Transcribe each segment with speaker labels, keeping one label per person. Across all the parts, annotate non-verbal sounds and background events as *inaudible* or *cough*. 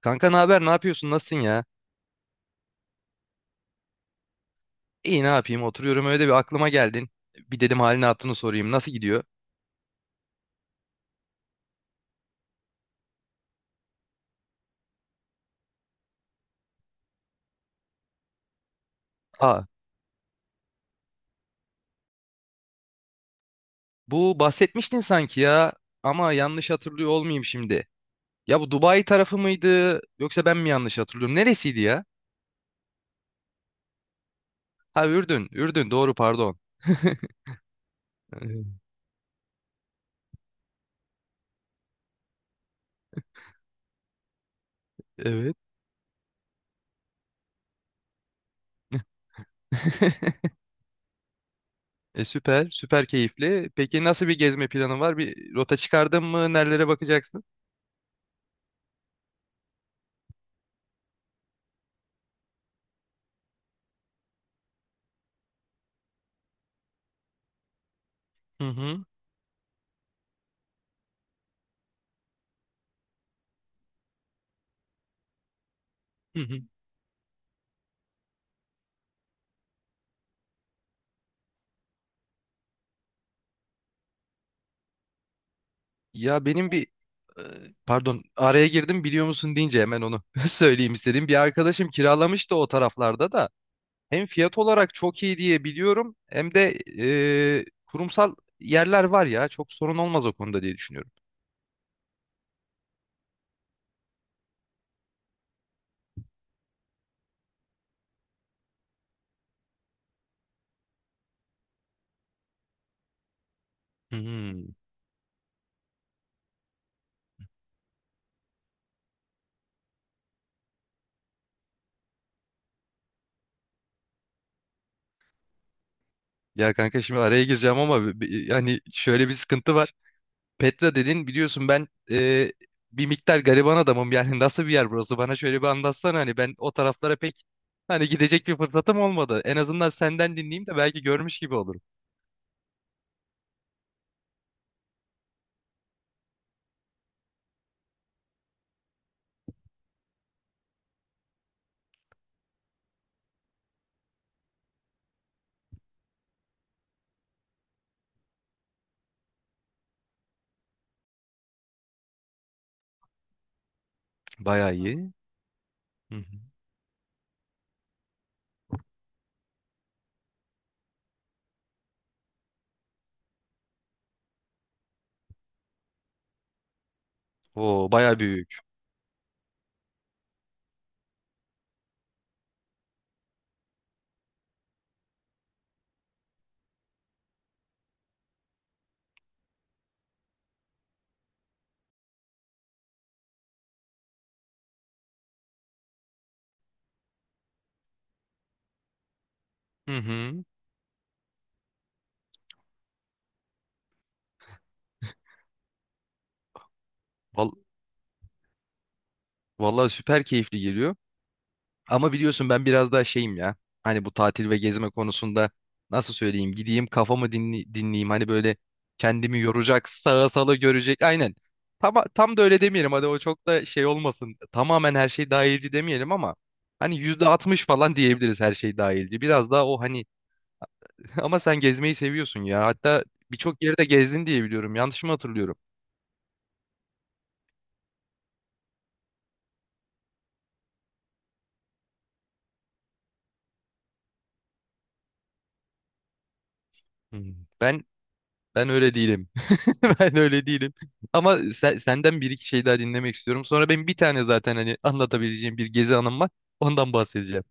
Speaker 1: Kanka ne haber? Ne yapıyorsun? Nasılsın ya? İyi ne yapayım? Oturuyorum öyle bir aklıma geldin. Bir dedim halini attığını sorayım. Nasıl gidiyor? Aa, bu bahsetmiştin sanki ya. Ama yanlış hatırlıyor olmayayım şimdi. Ya bu Dubai tarafı mıydı? Yoksa ben mi yanlış hatırlıyorum? Neresiydi ya? Ha Ürdün. Ürdün doğru pardon. *laughs* Evet. *laughs* Süper. Süper keyifli. Peki nasıl bir gezme planın var? Bir rota çıkardın mı? Nerelere bakacaksın? Hı hı. Hı hı. Ya benim bir e, pardon araya girdim biliyor musun deyince hemen onu *laughs* söyleyeyim istedim. Bir arkadaşım kiralamıştı o taraflarda da. Hem fiyat olarak çok iyi diye biliyorum hem de kurumsal yerler var ya, çok sorun olmaz o konuda diye düşünüyorum. Hmm. Ya kanka şimdi araya gireceğim ama yani şöyle bir sıkıntı var. Petra dedin biliyorsun ben bir miktar gariban adamım yani *laughs* nasıl bir yer burası, bana şöyle bir anlatsana. Hani ben o taraflara pek hani gidecek bir fırsatım olmadı. En azından senden dinleyeyim de belki görmüş gibi olurum. Bayağı iyi. Hı hı. Oo, bayağı büyük. Hı hı. Val- vallahi süper keyifli geliyor. Ama biliyorsun ben biraz daha şeyim ya. Hani bu tatil ve gezme konusunda nasıl söyleyeyim? Gideyim kafamı dinleyeyim. Hani böyle kendimi yoracak, sağa sala görecek. Aynen. Tam, tam da öyle demeyelim. Hadi o çok da şey olmasın. Tamamen her şey dahilci demeyelim ama hani %60 falan diyebiliriz her şey dahilci. Biraz daha o hani *laughs* ama sen gezmeyi seviyorsun ya. Hatta birçok yerde gezdin diye biliyorum. Yanlış mı hatırlıyorum? Hmm. Ben Ben öyle değilim. *laughs* Ben öyle değilim. Ama senden bir iki şey daha dinlemek istiyorum. Sonra benim bir tane zaten hani anlatabileceğim bir gezi anım var. Ondan bahsedeceğim.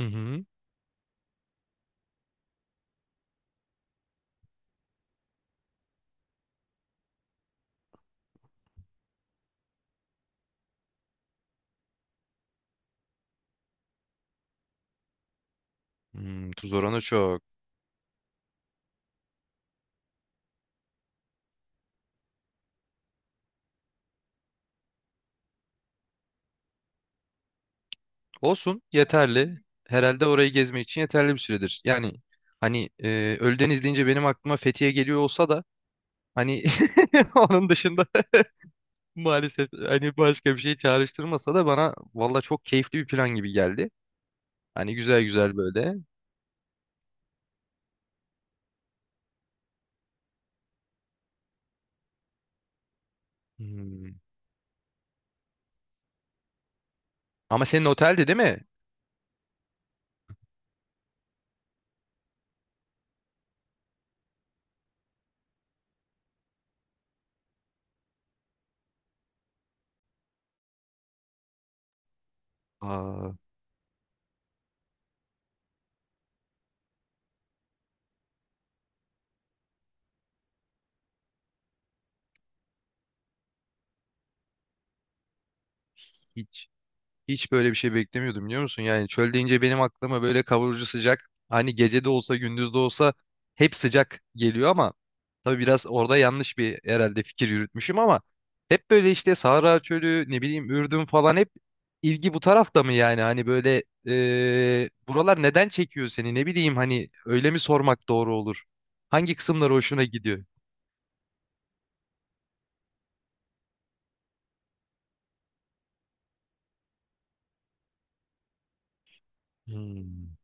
Speaker 1: Hı hı. Hmm, tuz oranı çok. Olsun, yeterli. Herhalde orayı gezmek için yeterli bir süredir. Yani hani Ölüdeniz deyince benim aklıma Fethiye geliyor olsa da hani *laughs* onun dışında *laughs* maalesef hani başka bir şey çağrıştırmasa da, bana valla çok keyifli bir plan gibi geldi. Hani güzel güzel böyle. Hmm. Ama senin otelde değil mi? Aa, hiç hiç böyle bir şey beklemiyordum biliyor musun? Yani çöl deyince benim aklıma böyle kavurucu sıcak. Hani gece de olsa gündüz de olsa hep sıcak geliyor ama tabii biraz orada yanlış bir herhalde fikir yürütmüşüm ama hep böyle işte Sahra Çölü ne bileyim Ürdün falan, hep ilgi bu tarafta mı yani? Hani böyle buralar neden çekiyor seni, ne bileyim hani öyle mi sormak doğru olur? Hangi kısımları hoşuna gidiyor? Hmm.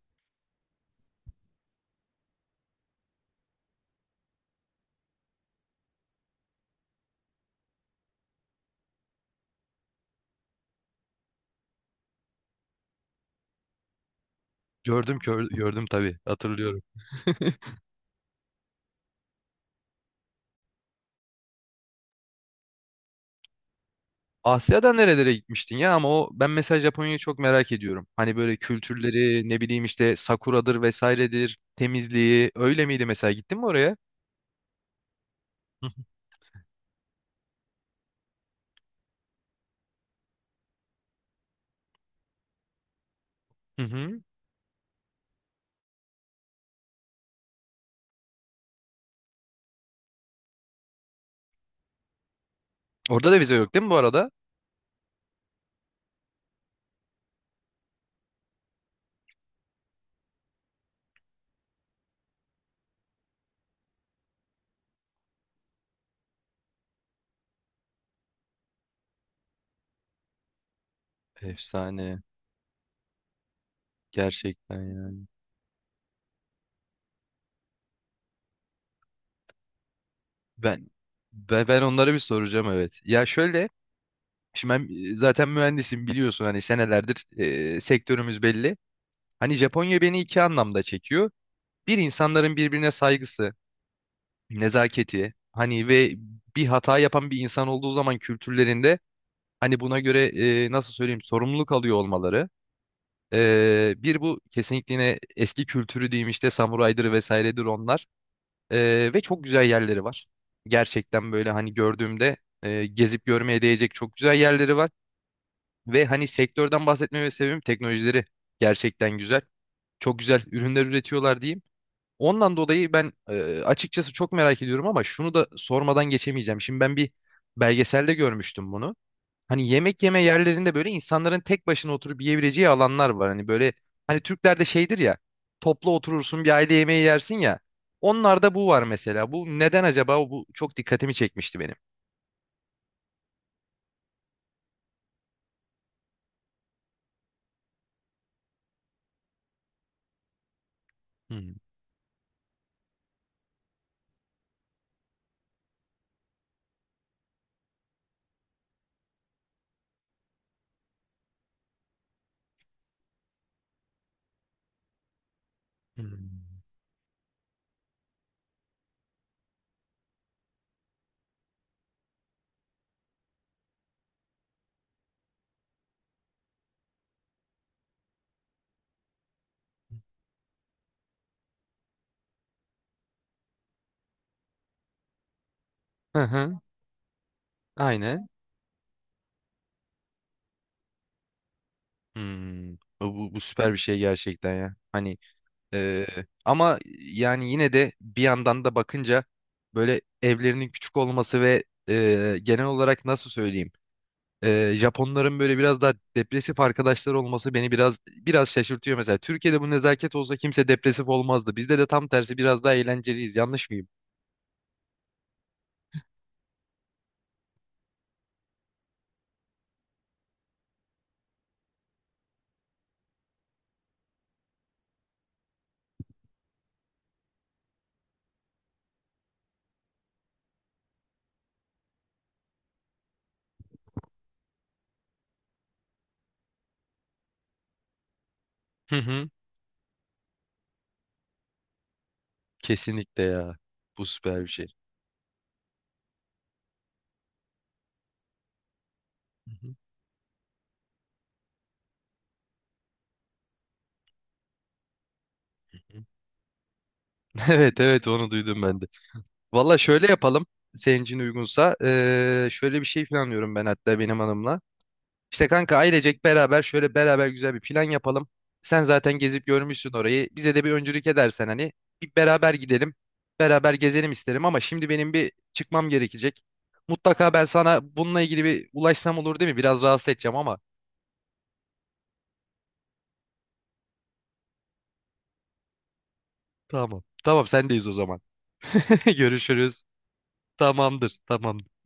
Speaker 1: Gördüm gördüm tabii, hatırlıyorum. Asya'da nerelere gitmiştin ya? Ama o, ben mesela Japonya'yı çok merak ediyorum. Hani böyle kültürleri ne bileyim işte sakuradır vesairedir, temizliği öyle miydi mesela, gittin mi oraya? Hı hı. Hı. Orada da vize yok değil mi bu arada? Efsane. Gerçekten yani. Ben, ben onlara bir soracağım, evet. Ya şöyle, şimdi ben zaten mühendisim biliyorsun, hani senelerdir sektörümüz belli. Hani Japonya beni iki anlamda çekiyor. Bir, insanların birbirine saygısı, nezaketi hani, ve bir hata yapan bir insan olduğu zaman kültürlerinde hani buna göre nasıl söyleyeyim, sorumluluk alıyor olmaları. Bir bu, kesinlikle. Yine eski kültürü diyeyim işte, samuraydır vesairedir onlar. Ve çok güzel yerleri var. Gerçekten böyle hani gördüğümde gezip görmeye değecek çok güzel yerleri var. Ve hani sektörden bahsetmeme sebebim, teknolojileri gerçekten güzel. Çok güzel ürünler üretiyorlar diyeyim. Ondan dolayı ben açıkçası çok merak ediyorum ama şunu da sormadan geçemeyeceğim. Şimdi ben bir belgeselde görmüştüm bunu. Hani yemek yeme yerlerinde böyle insanların tek başına oturup yiyebileceği alanlar var. Hani böyle, hani Türklerde şeydir ya, toplu oturursun, bir aile yemeği yersin ya. Onlarda bu var mesela. Bu neden acaba? Bu çok dikkatimi çekmişti benim. Hmm. Hmm. Hı hı, aynen. Hmm. Bu süper bir şey gerçekten ya. Hani Ee, ama yani yine de bir yandan da bakınca böyle evlerinin küçük olması ve genel olarak nasıl söyleyeyim, Japonların böyle biraz daha depresif arkadaşlar olması beni biraz şaşırtıyor mesela. Türkiye'de bu nezaket olsa kimse depresif olmazdı. Bizde de tam tersi, biraz daha eğlenceliyiz. Yanlış mıyım? Hı hı. Kesinlikle ya. Bu süper bir şey. Hı hı. *laughs* Evet evet, onu duydum ben de. Valla şöyle yapalım. Senin için uygunsa. Şöyle bir şey planlıyorum ben, hatta benim hanımla. İşte kanka, ailecek beraber şöyle beraber güzel bir plan yapalım. Sen zaten gezip görmüşsün orayı. Bize de bir öncülük edersen hani, bir beraber gidelim. Beraber gezelim isterim ama şimdi benim bir çıkmam gerekecek. Mutlaka ben sana bununla ilgili bir ulaşsam olur değil mi? Biraz rahatsız edeceğim ama. Tamam. Tamam, sendeyiz o zaman. *laughs* Görüşürüz. Tamamdır. Tamamdır.